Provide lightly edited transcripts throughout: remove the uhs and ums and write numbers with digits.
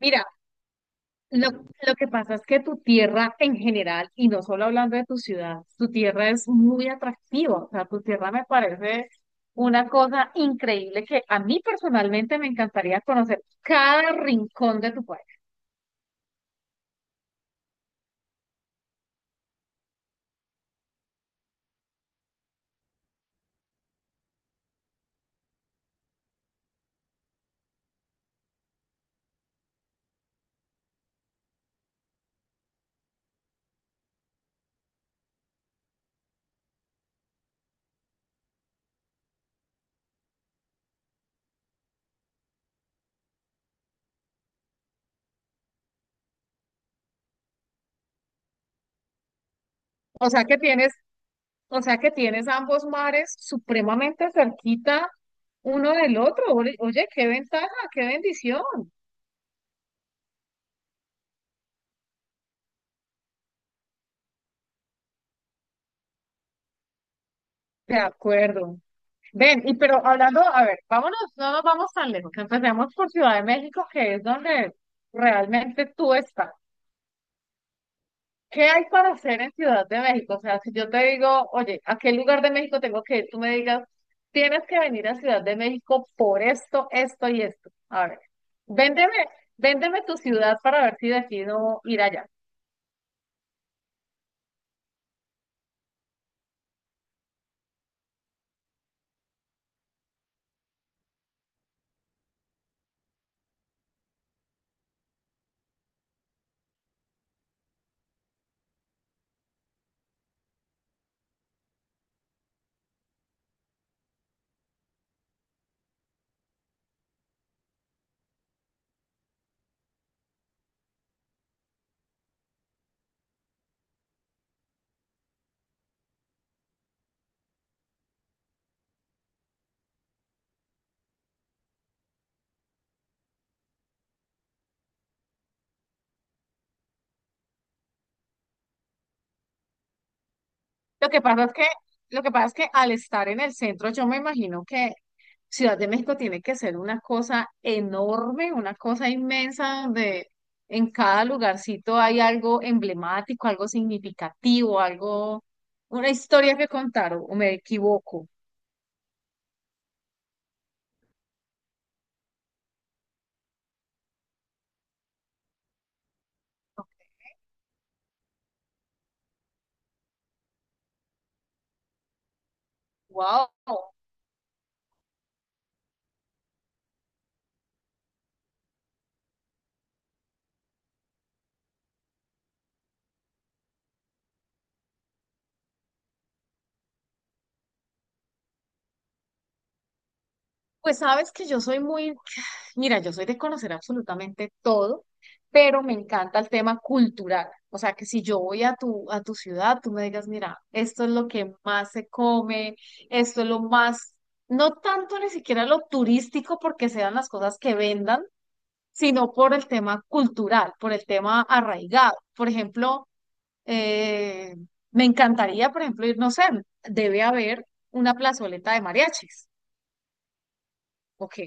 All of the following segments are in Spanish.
Mira, lo que pasa es que tu tierra en general, y no solo hablando de tu ciudad, tu tierra es muy atractiva. O sea, tu tierra me parece una cosa increíble que a mí personalmente me encantaría conocer cada rincón de tu país. O sea que tienes, o sea que tienes ambos mares supremamente cerquita uno del otro. Oye, oye, qué ventaja, qué bendición. De acuerdo. Ven, y pero hablando, a ver, vámonos, no nos vamos tan lejos. Empecemos por Ciudad de México, que es donde realmente tú estás. ¿Qué hay para hacer en Ciudad de México? O sea, si yo te digo, oye, ¿a qué lugar de México tengo que ir? Tú me digas, tienes que venir a Ciudad de México por esto, esto y esto. A ver, véndeme, véndeme tu ciudad para ver si decido ir allá. Lo que pasa es que, lo que pasa es que al estar en el centro, yo me imagino que Ciudad de México tiene que ser una cosa enorme, una cosa inmensa, donde en cada lugarcito hay algo emblemático, algo significativo, algo, una historia que contar, o me equivoco. Wow. Pues sabes que yo soy muy, mira, yo soy de conocer absolutamente todo, pero me encanta el tema cultural. O sea, que si yo voy a tu ciudad, tú me digas, mira, esto es lo que más se come, esto es lo más, no tanto ni siquiera lo turístico porque sean las cosas que vendan, sino por el tema cultural, por el tema arraigado. Por ejemplo, eh, me encantaría, por ejemplo, ir, no sé, debe haber una plazoleta de mariachis. Ok.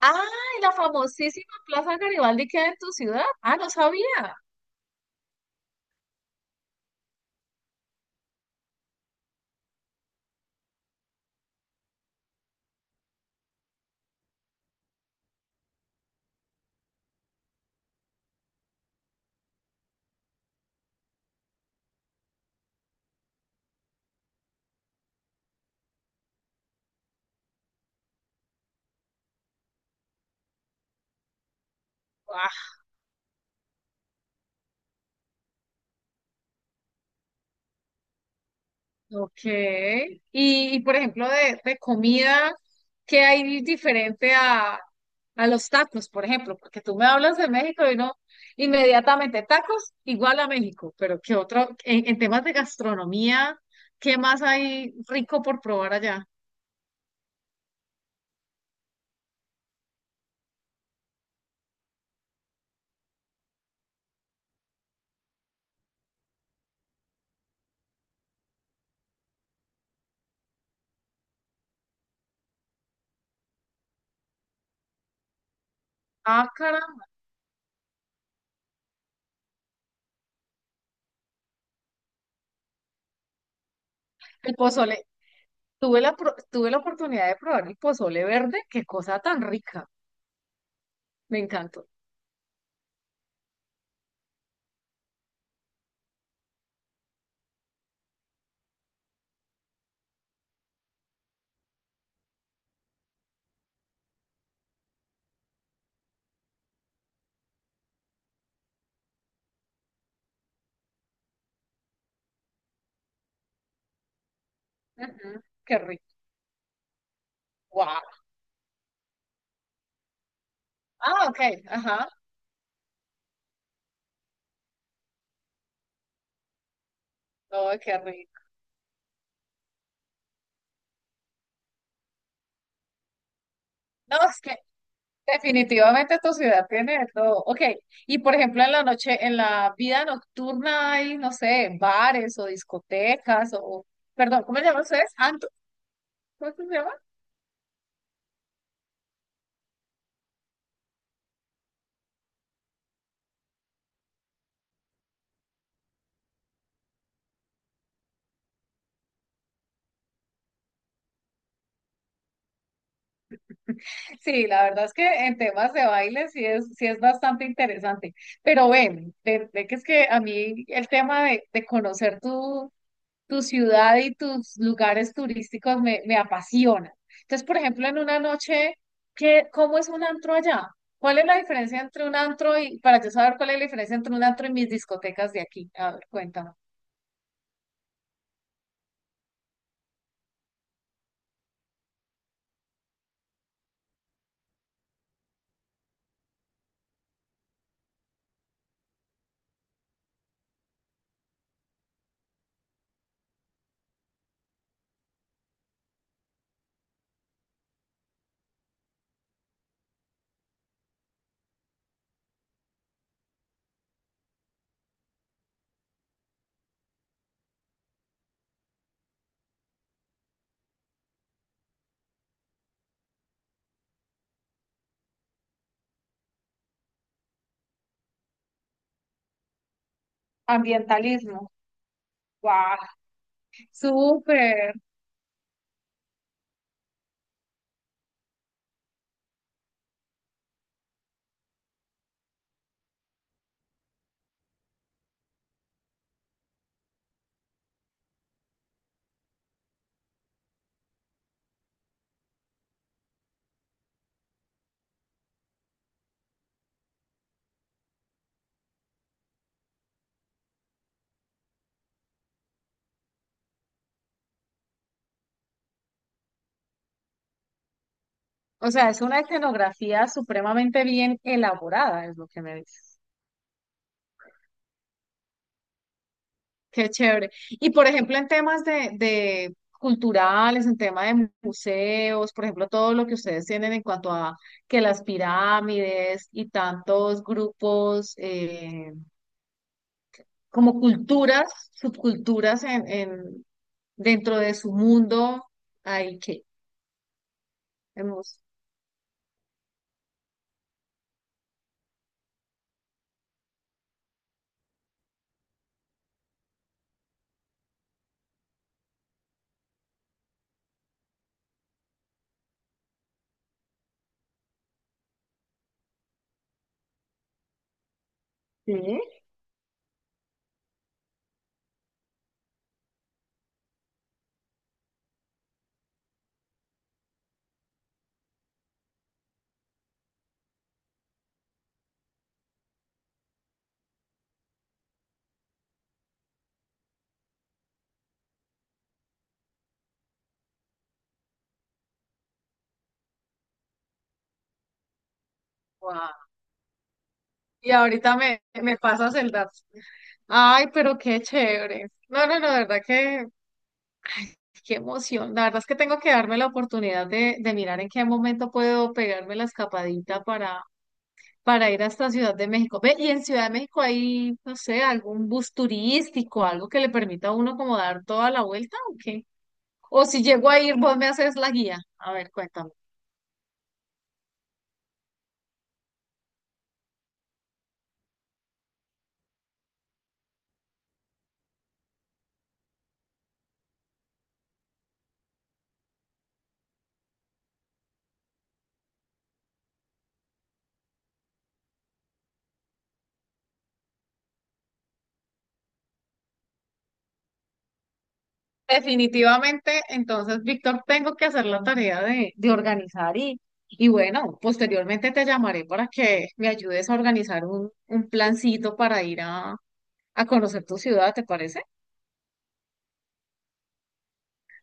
Ah, la famosísima Plaza Garibaldi queda en tu ciudad. Ah, no sabía. Ah, ok. Y, por ejemplo, de comida, ¿qué hay diferente a los tacos, por ejemplo? Porque tú me hablas de México y no inmediatamente tacos igual a México, pero ¿qué otro? En temas de gastronomía, ¿qué más hay rico por probar allá? Ah, caramba. El pozole. Tuve la, tuve la oportunidad de probar el pozole verde. Qué cosa tan rica. Me encantó. Ujú, qué rico. Guau. Ah, ok. Ajá. No, qué rico. No, es que definitivamente tu ciudad tiene de todo. Ok. Y por ejemplo, en la noche, en la vida nocturna hay, no sé, bares o discotecas o, perdón, ¿cómo se llaman ustedes? ¿Anto? ¿Cómo se llama? Sí, la verdad es que en temas de baile sí es bastante interesante. Pero ven, ven, ven que es que a mí el tema de conocer tu, tu ciudad y tus lugares turísticos me, me apasionan. Entonces, por ejemplo, en una noche, ¿qué, cómo es un antro allá? ¿Cuál es la diferencia entre un antro y, para yo saber cuál es la diferencia entre un antro y mis discotecas de aquí? A ver, cuéntame. Ambientalismo. ¡Guau! Súper. O sea, es una escenografía supremamente bien elaborada, es lo que me dices. Qué chévere. Y por ejemplo, en temas de culturales, en tema de museos, por ejemplo, todo lo que ustedes tienen en cuanto a que las pirámides y tantos grupos como culturas, subculturas dentro de su mundo, ahí que hemos. Sí. Wow. Y ahorita me, me pasas el dato. Ay, pero qué chévere. No, no, no, de verdad que qué emoción. La verdad es que tengo que darme la oportunidad de mirar en qué momento puedo pegarme la escapadita para ir hasta Ciudad de México. Ve, y en Ciudad de México hay, no sé, algún bus turístico, algo que le permita a uno como dar toda la vuelta o qué. O si llego a ir, vos me haces la guía. A ver, cuéntame. Definitivamente, entonces, Víctor, tengo que hacer la tarea de organizar y bueno, posteriormente te llamaré para que me ayudes a organizar un plancito para ir a conocer tu ciudad, ¿te parece?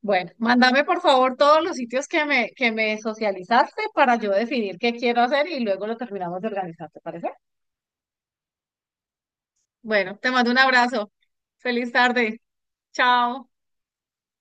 Bueno, mándame por favor todos los sitios que me socializaste para yo definir qué quiero hacer y luego lo terminamos de organizar, ¿te parece? Bueno, te mando un abrazo. Feliz tarde. Chao.